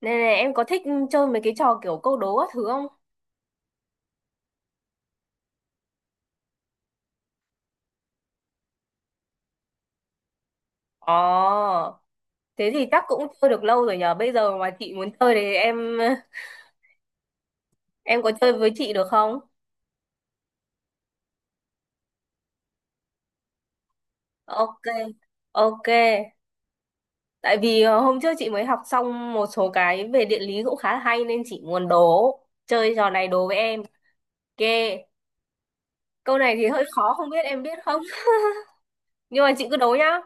Này này, em có thích chơi mấy cái trò kiểu câu đố các thứ không? Ồ, thế thì chắc cũng chơi được lâu rồi nhờ. Bây giờ mà chị muốn chơi thì em có chơi với chị được không? Ok, ok. Tại vì hôm trước chị mới học xong một số cái về địa lý cũng khá là hay nên chị muốn đố. Chơi trò này đố với em. Ok, câu này thì hơi khó không biết em biết không? Nhưng mà chị cứ đố nhá.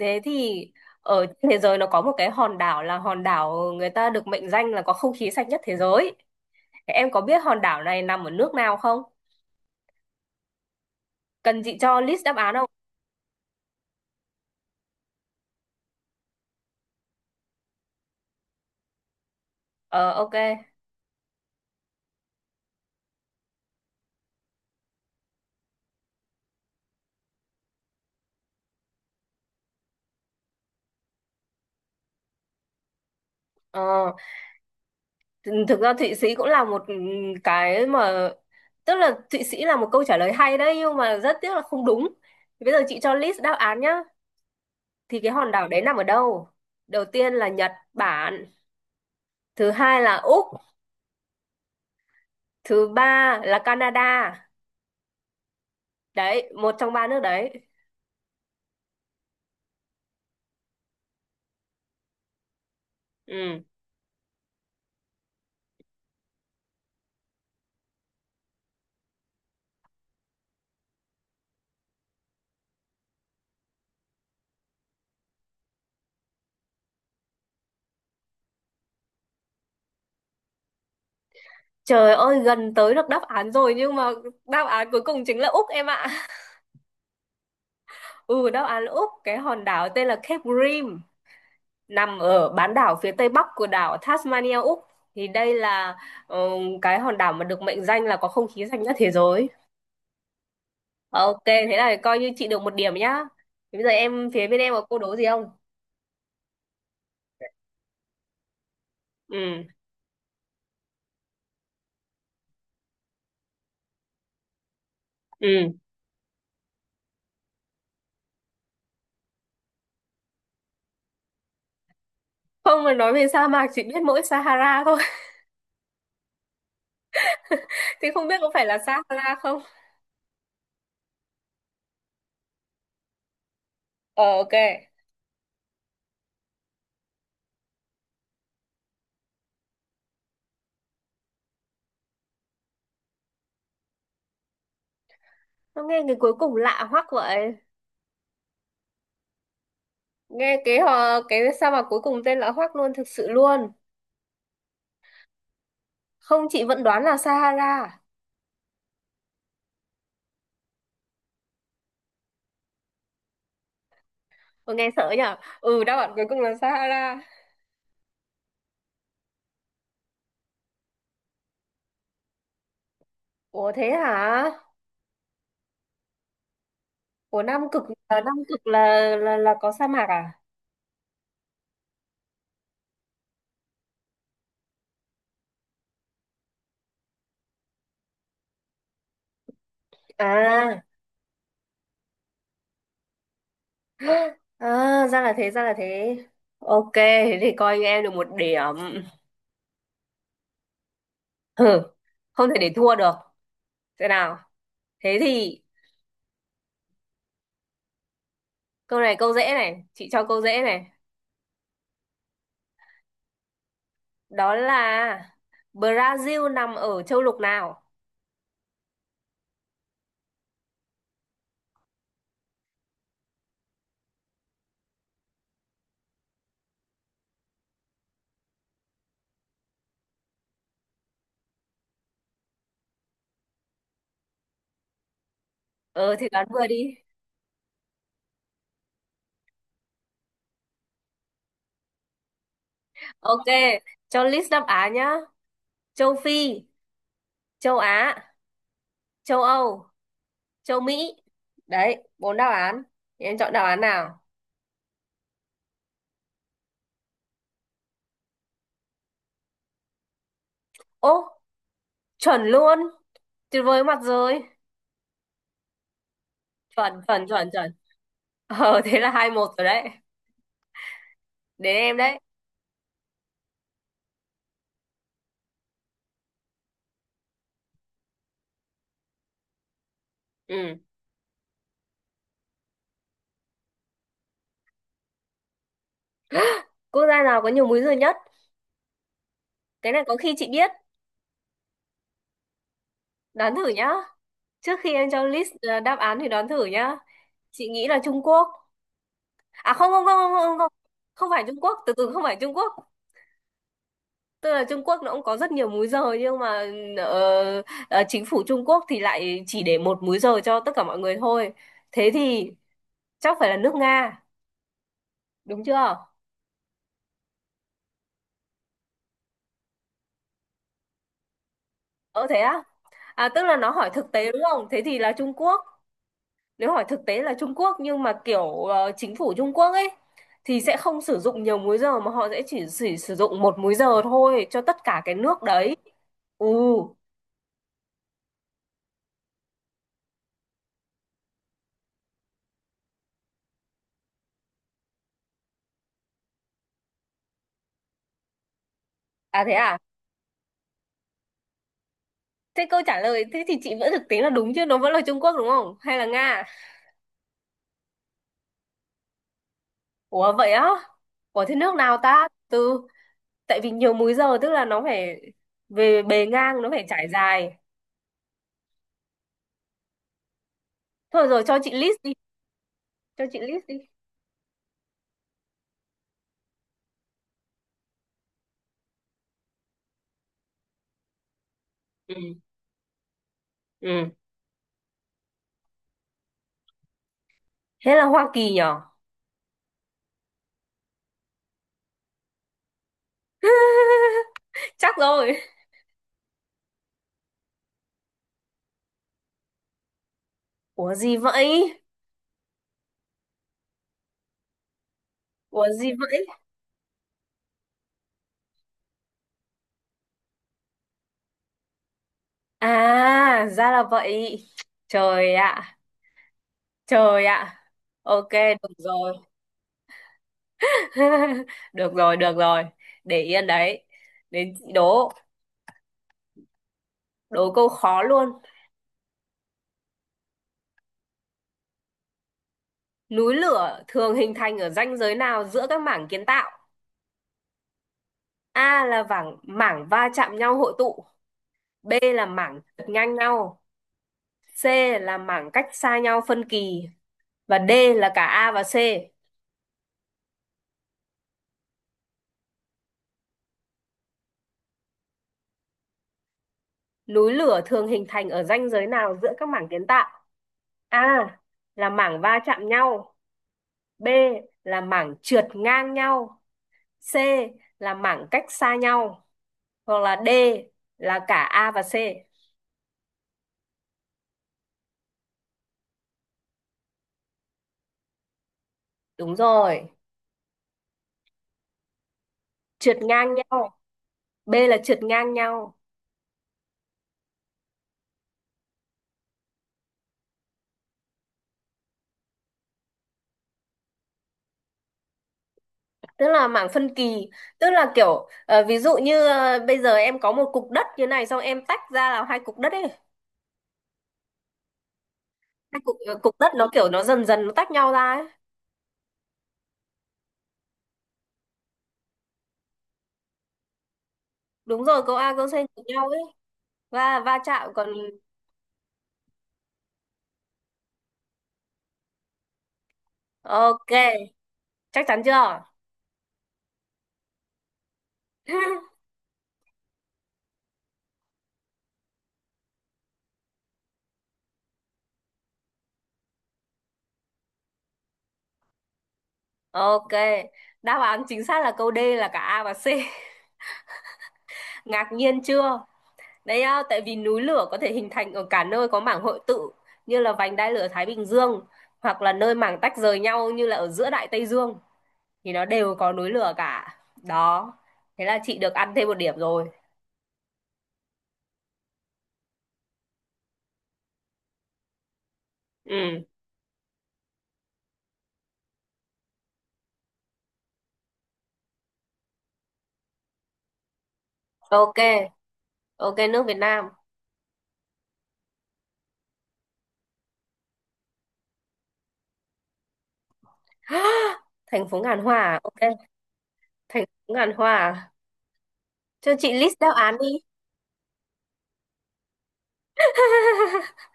Thế thì ở trên thế giới nó có một cái hòn đảo, là hòn đảo người ta được mệnh danh là có không khí sạch nhất thế giới. Thế em có biết hòn đảo này nằm ở nước nào không? Cần chị cho list đáp án không? Ờ ok. Ờ, thực ra Thụy Sĩ cũng là một cái mà tức là Thụy Sĩ là một câu trả lời hay đấy nhưng mà rất tiếc là không đúng. Thì bây giờ chị cho list đáp án nhá. Thì cái hòn đảo đấy nằm ở đâu? Đầu tiên là Nhật Bản, thứ hai là Úc, thứ ba là Canada. Đấy, một trong ba nước đấy. Ừ. Trời ơi, gần tới được đáp án rồi nhưng mà đáp án cuối cùng chính là Úc em ạ. Ừ, đáp án Úc, cái hòn đảo tên là Cape Grim, nằm ở bán đảo phía tây bắc của đảo Tasmania Úc. Thì đây là ờ, cái hòn đảo mà được mệnh danh là có không khí sạch nhất thế giới. Ok, thế là coi như chị được một điểm nhá. Thế bây giờ em phía bên em có câu đố gì không? Ừ, ừ. Không, mà nói về sa mạc chỉ biết mỗi Sahara thôi. Thì không biết có phải là Sahara không? Ờ, ok. Nó nghe cái cuối cùng lạ hoắc vậy. Nghe cái cái sa mạc cuối cùng tên lạ hoắc luôn, thực sự luôn. Không, chị vẫn đoán là Sahara. Ủa, nghe sợ nhở. Ừ, đáp án cuối cùng là Sahara. Ủa thế hả? Ủa Nam Cực à? Nam Cực là có sa mạc à? À, à, ra là thế, ra là thế. Ok, thế thì coi như em được một điểm. Hừ, không thể để thua được. Thế nào, thế thì câu này câu dễ này, chị cho câu dễ này. Đó là Brazil nằm ở châu lục nào? Ờ thì đoán vừa đi. Ok, cho list đáp án nhá. Châu Phi, châu Á, châu Âu, châu Mỹ, đấy bốn đáp án. Thì em chọn đáp án nào? Ô, chuẩn luôn, tuyệt vời mặt rồi. Chuẩn, chuẩn, chuẩn, chuẩn. Ờ thế là 2-1 rồi đấy, đến em đấy. Ừ. Quốc gia nào có nhiều múi giờ nhất? Cái này có khi chị biết, đoán thử nhá. Trước khi em cho list đáp án thì đoán thử nhá. Chị nghĩ là Trung Quốc. À, không, không, không, không, không, không, không phải Trung Quốc. Từ từ, không phải Trung Quốc. Tức là Trung Quốc nó cũng có rất nhiều múi giờ nhưng mà ờ, chính phủ Trung Quốc thì lại chỉ để một múi giờ cho tất cả mọi người thôi. Thế thì chắc phải là nước Nga, đúng chưa? Ờ thế á? À tức là nó hỏi thực tế đúng không? Thế thì là Trung Quốc. Nếu hỏi thực tế là Trung Quốc nhưng mà kiểu chính phủ Trung Quốc ấy thì sẽ không sử dụng nhiều múi giờ mà họ sẽ chỉ sử dụng một múi giờ thôi cho tất cả cái nước đấy. Ừ. À? Thế câu trả lời thế thì chị vẫn thực tế là đúng chứ, nó vẫn là Trung Quốc đúng không? Hay là Nga? Ủa vậy á? Ủa thế nước nào ta? Tại vì nhiều múi giờ tức là nó phải về bề ngang, nó phải trải dài. Thôi rồi, cho chị list đi, cho chị list đi. Ừ. Ừ. Thế là Hoa Kỳ nhở? Chắc rồi. Ủa gì vậy? Ủa gì vậy? À, ra là vậy. Trời ạ, trời ạ. Ok, được rồi. Được rồi, được rồi. Để yên đấy. Đến chị đố, đố câu khó luôn. Núi lửa thường hình thành ở ranh giới nào giữa các mảng kiến tạo? A là mảng mảng va chạm nhau hội tụ, B là mảng trượt ngang nhau, C là mảng cách xa nhau phân kỳ và D là cả A và C. Núi lửa thường hình thành ở ranh giới nào giữa các mảng kiến tạo? A là mảng va chạm nhau, B là mảng trượt ngang nhau, C là mảng cách xa nhau, hoặc là D là cả A và C. Đúng rồi, trượt ngang nhau. B là trượt ngang nhau, tức là mảng phân kỳ, tức là kiểu ví dụ như bây giờ em có một cục đất như này xong em tách ra là hai cục đất ấy, hai cục đất nó kiểu nó dần dần nó tách nhau ra ấy. Đúng rồi, câu A câu C trượt nhau ấy và va chạm còn. Ok, chắc chắn chưa? Ok, đáp án chính xác là câu D là cả A và C. Ngạc nhiên chưa? Đấy à, tại vì núi lửa có thể hình thành ở cả nơi có mảng hội tụ, như là vành đai lửa Thái Bình Dương, hoặc là nơi mảng tách rời nhau như là ở giữa Đại Tây Dương, thì nó đều có núi lửa cả. Đó. Thế là chị được ăn thêm một điểm rồi. Ừ. Ok. Ok, nước Việt Nam. Thành phố ngàn hoa à? Ok. Thành phố ngàn hoa à? Cho chị list đáp án đi.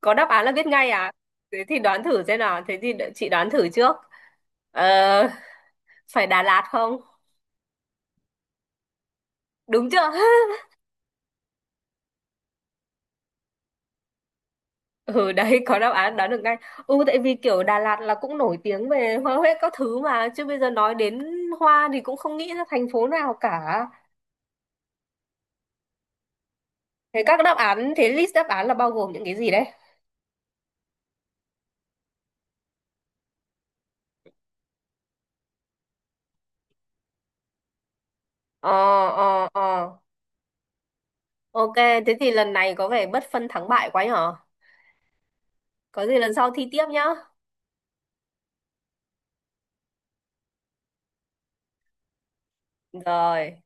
Có đáp án là biết ngay à? Thế thì đoán thử xem nào. Thế thì đợi chị đoán thử trước. Ờ, phải Đà Lạt không? Đúng chưa? Ừ đấy, có đáp án đoán được ngay. Ừ, tại vì kiểu Đà Lạt là cũng nổi tiếng về hoa huế các thứ mà, chứ bây giờ nói đến hoa thì cũng không nghĩ ra thành phố nào cả. Thế các đáp án, thế list đáp án là bao gồm những cái gì đấy? ờ ờ ờ ok, thế thì lần này có vẻ bất phân thắng bại quá nhở. Có gì lần sau thi tiếp nhá. Rồi.